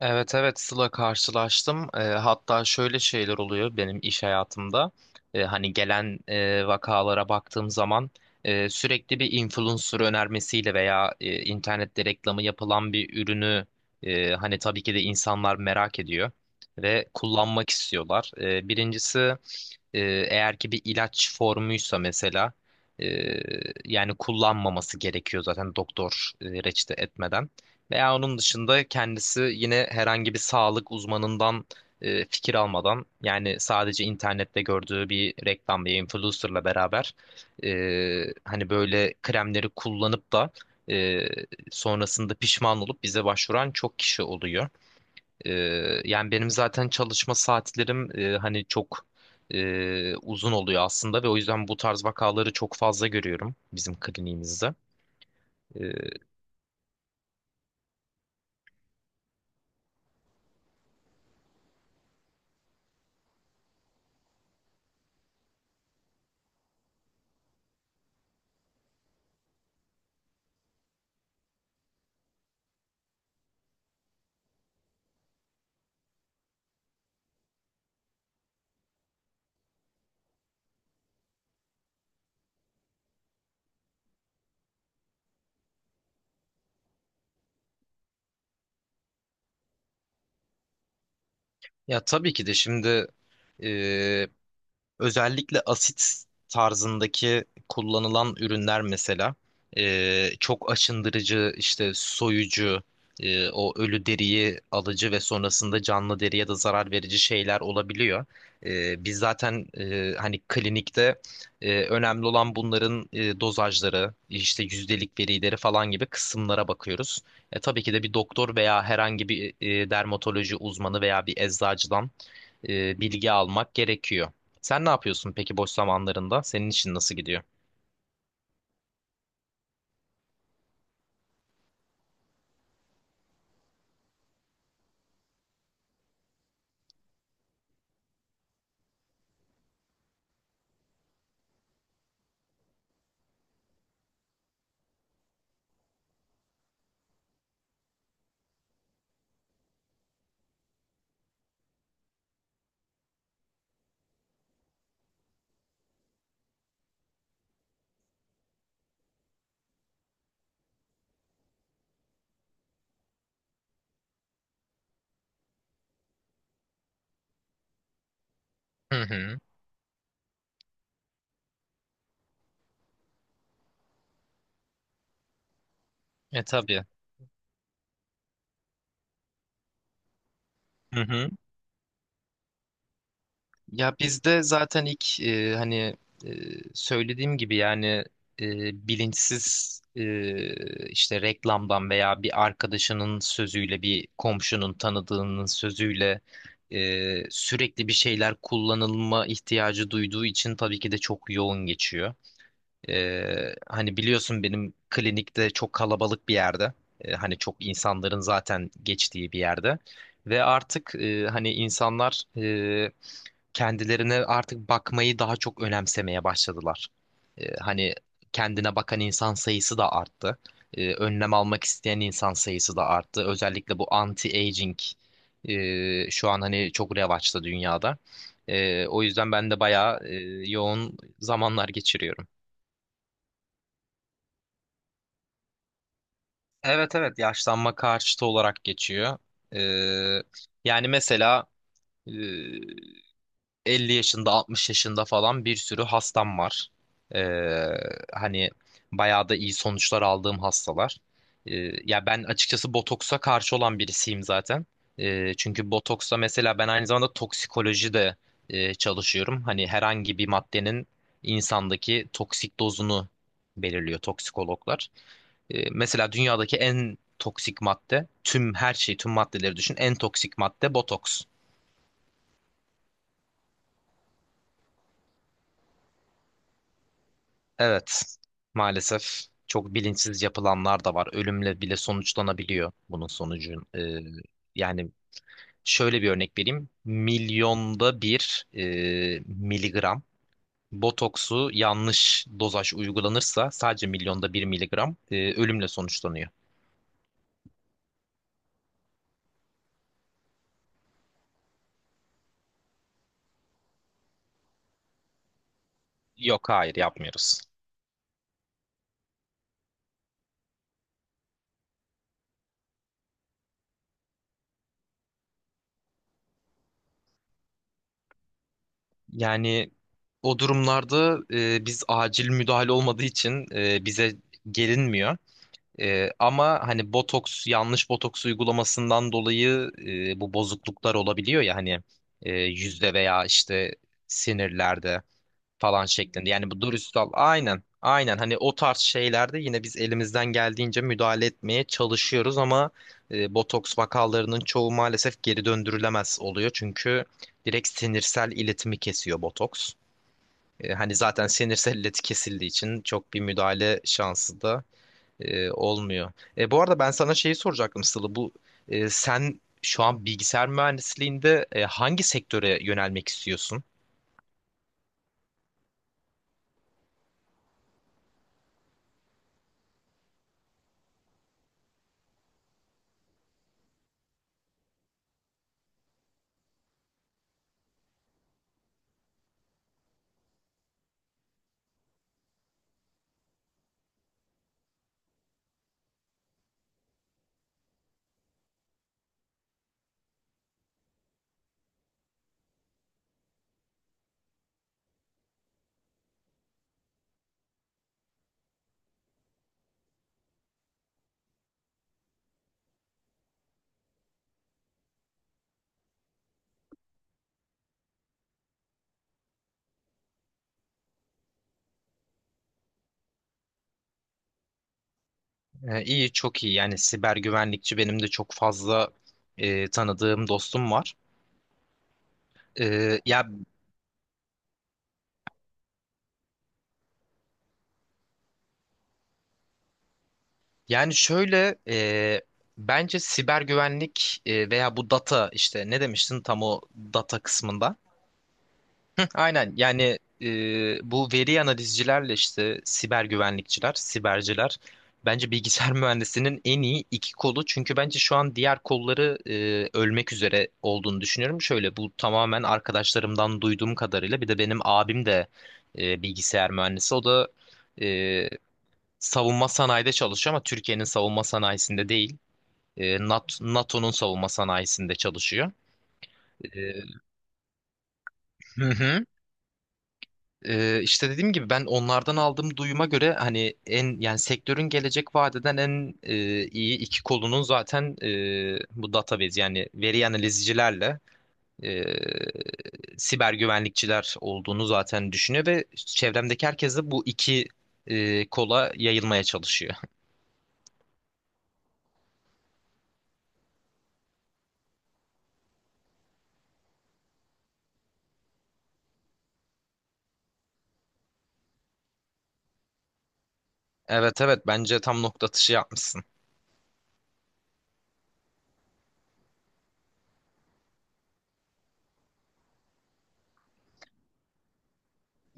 Evet, evet Sıla, karşılaştım. Hatta şöyle şeyler oluyor benim iş hayatımda. Hani gelen vakalara baktığım zaman sürekli bir influencer önermesiyle veya internette reklamı yapılan bir ürünü hani tabii ki de insanlar merak ediyor ve kullanmak istiyorlar. Birincisi, eğer ki bir ilaç formuysa mesela e, yani kullanmaması gerekiyor zaten doktor reçete etmeden. Veya onun dışında kendisi yine herhangi bir sağlık uzmanından fikir almadan, yani sadece internette gördüğü bir reklam, bir influencerla beraber e, hani böyle kremleri kullanıp da e, sonrasında pişman olup bize başvuran çok kişi oluyor. E, Yani benim zaten çalışma saatlerim, hani, çok uzun oluyor aslında ve o yüzden bu tarz vakaları çok fazla görüyorum bizim kliniğimizde. E, Ya tabii ki de şimdi... e, Özellikle asit tarzındaki kullanılan ürünler mesela çok aşındırıcı, işte soyucu, o ölü deriyi alıcı ve sonrasında canlı deriye de zarar verici şeyler olabiliyor. Biz zaten, hani klinikte, önemli olan bunların dozajları, işte yüzdelik verileri falan gibi kısımlara bakıyoruz. Tabii ki de bir doktor veya herhangi bir dermatoloji uzmanı veya bir eczacıdan bilgi almak gerekiyor. Sen ne yapıyorsun peki boş zamanlarında? Senin için nasıl gidiyor? Hı hı. E tabii. Hı hı. Ya bizde zaten ilk, e, söylediğim gibi, yani, bilinçsiz, işte reklamdan veya bir arkadaşının sözüyle, bir komşunun tanıdığının sözüyle sürekli bir şeyler kullanılma ihtiyacı duyduğu için tabii ki de çok yoğun geçiyor. Hani biliyorsun benim klinikte, çok kalabalık bir yerde. Hani çok insanların zaten geçtiği bir yerde. Ve artık, hani insanlar, kendilerine artık bakmayı daha çok önemsemeye başladılar. Hani kendine bakan insan sayısı da arttı. Önlem almak isteyen insan sayısı da arttı. Özellikle bu anti-aging şu an hani çok revaçta dünyada. O yüzden ben de bayağı yoğun zamanlar geçiriyorum. Evet, evet, yaşlanma karşıtı olarak geçiyor. Ee, Yani mesela e, 50 yaşında, 60 yaşında falan bir sürü hastam var. Ee, Hani bayağı da iyi sonuçlar aldığım hastalar. Ee, Ya ben açıkçası botoksa karşı olan birisiyim zaten. Çünkü botoksa, mesela ben aynı zamanda toksikoloji de çalışıyorum. Hani herhangi bir maddenin insandaki toksik dozunu belirliyor toksikologlar. Mesela dünyadaki en toksik madde, tüm her şeyi, tüm maddeleri düşün. En toksik madde botoks. Evet, maalesef çok bilinçsiz yapılanlar da var. Ölümle bile sonuçlanabiliyor bunun sonucun. Yani şöyle bir örnek vereyim. Milyonda bir, miligram botoksu yanlış dozaj uygulanırsa, sadece milyonda bir miligram, ölümle sonuçlanıyor. Yok, hayır, yapmıyoruz. Yani o durumlarda biz acil müdahale olmadığı için bize gelinmiyor. Ama hani botoks, yanlış botoks uygulamasından dolayı bu bozukluklar olabiliyor ya, hani yüzde veya işte sinirlerde falan şeklinde. Yani bu dürüst. Aynen. Aynen. Hani o tarz şeylerde yine biz elimizden geldiğince müdahale etmeye çalışıyoruz ama botoks vakalarının çoğu maalesef geri döndürülemez oluyor. Çünkü direkt sinirsel iletimi kesiyor botoks. Hani zaten sinirsel ileti kesildiği için çok bir müdahale şansı da olmuyor. Bu arada ben sana şeyi soracaktım Sıla. Sen şu an bilgisayar mühendisliğinde hangi sektöre yönelmek istiyorsun? İyi, çok iyi. Yani siber güvenlikçi benim de çok fazla tanıdığım dostum var. Ya yani şöyle, bence siber güvenlik veya bu data, işte ne demiştin tam o data kısmında? Aynen, yani bu veri analizcilerle işte siber güvenlikçiler, siberciler bence bilgisayar mühendisinin en iyi iki kolu. Çünkü bence şu an diğer kolları ölmek üzere olduğunu düşünüyorum. Şöyle, bu tamamen arkadaşlarımdan duyduğum kadarıyla, bir de benim abim de bilgisayar mühendisi. O da e, savunma sanayide çalışıyor ama Türkiye'nin savunma sanayisinde değil. NATO'nun savunma sanayisinde çalışıyor. E, işte dediğim gibi ben onlardan aldığım duyuma göre hani en, yani sektörün gelecek vadeden en iyi iki kolunun zaten bu database, yani veri analizcilerle e, siber güvenlikçiler olduğunu zaten düşünüyor ve çevremdeki herkes de bu iki kola yayılmaya çalışıyor. Evet, evet, bence tam nokta atışı yapmışsın.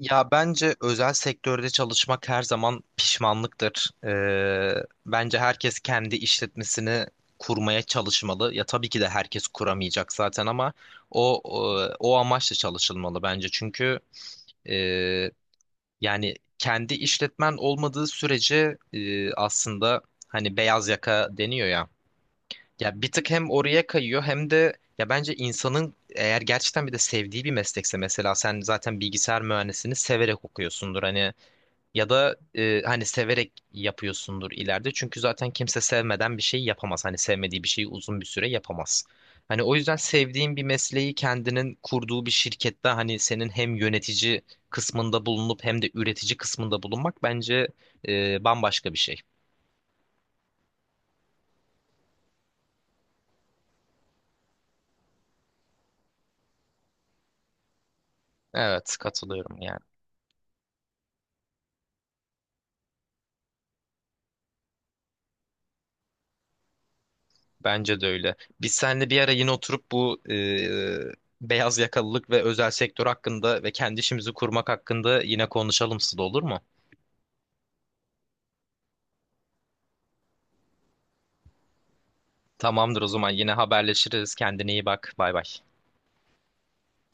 Ya bence özel sektörde çalışmak her zaman pişmanlıktır. Bence herkes kendi işletmesini kurmaya çalışmalı. Ya tabii ki de herkes kuramayacak zaten ama o amaçla çalışılmalı bence. Çünkü e, yani kendi işletmen olmadığı sürece, aslında, hani beyaz yaka deniyor ya. Ya bir tık hem oraya kayıyor hem de, ya bence insanın, eğer gerçekten bir de sevdiği bir meslekse, mesela sen zaten bilgisayar mühendisliğini severek okuyorsundur hani, ya da hani severek yapıyorsundur ileride, çünkü zaten kimse sevmeden bir şey yapamaz, hani sevmediği bir şeyi uzun bir süre yapamaz. Hani o yüzden sevdiğin bir mesleği kendinin kurduğu bir şirkette, hani senin hem yönetici kısmında bulunup hem de üretici kısmında bulunmak bence bambaşka bir şey. Evet, katılıyorum yani. Bence de öyle. Biz seninle bir ara yine oturup bu beyaz yakalılık ve özel sektör hakkında ve kendi işimizi kurmak hakkında yine konuşalım Sıla, olur mu? Tamamdır, o zaman yine haberleşiriz. Kendine iyi bak. Bay bay.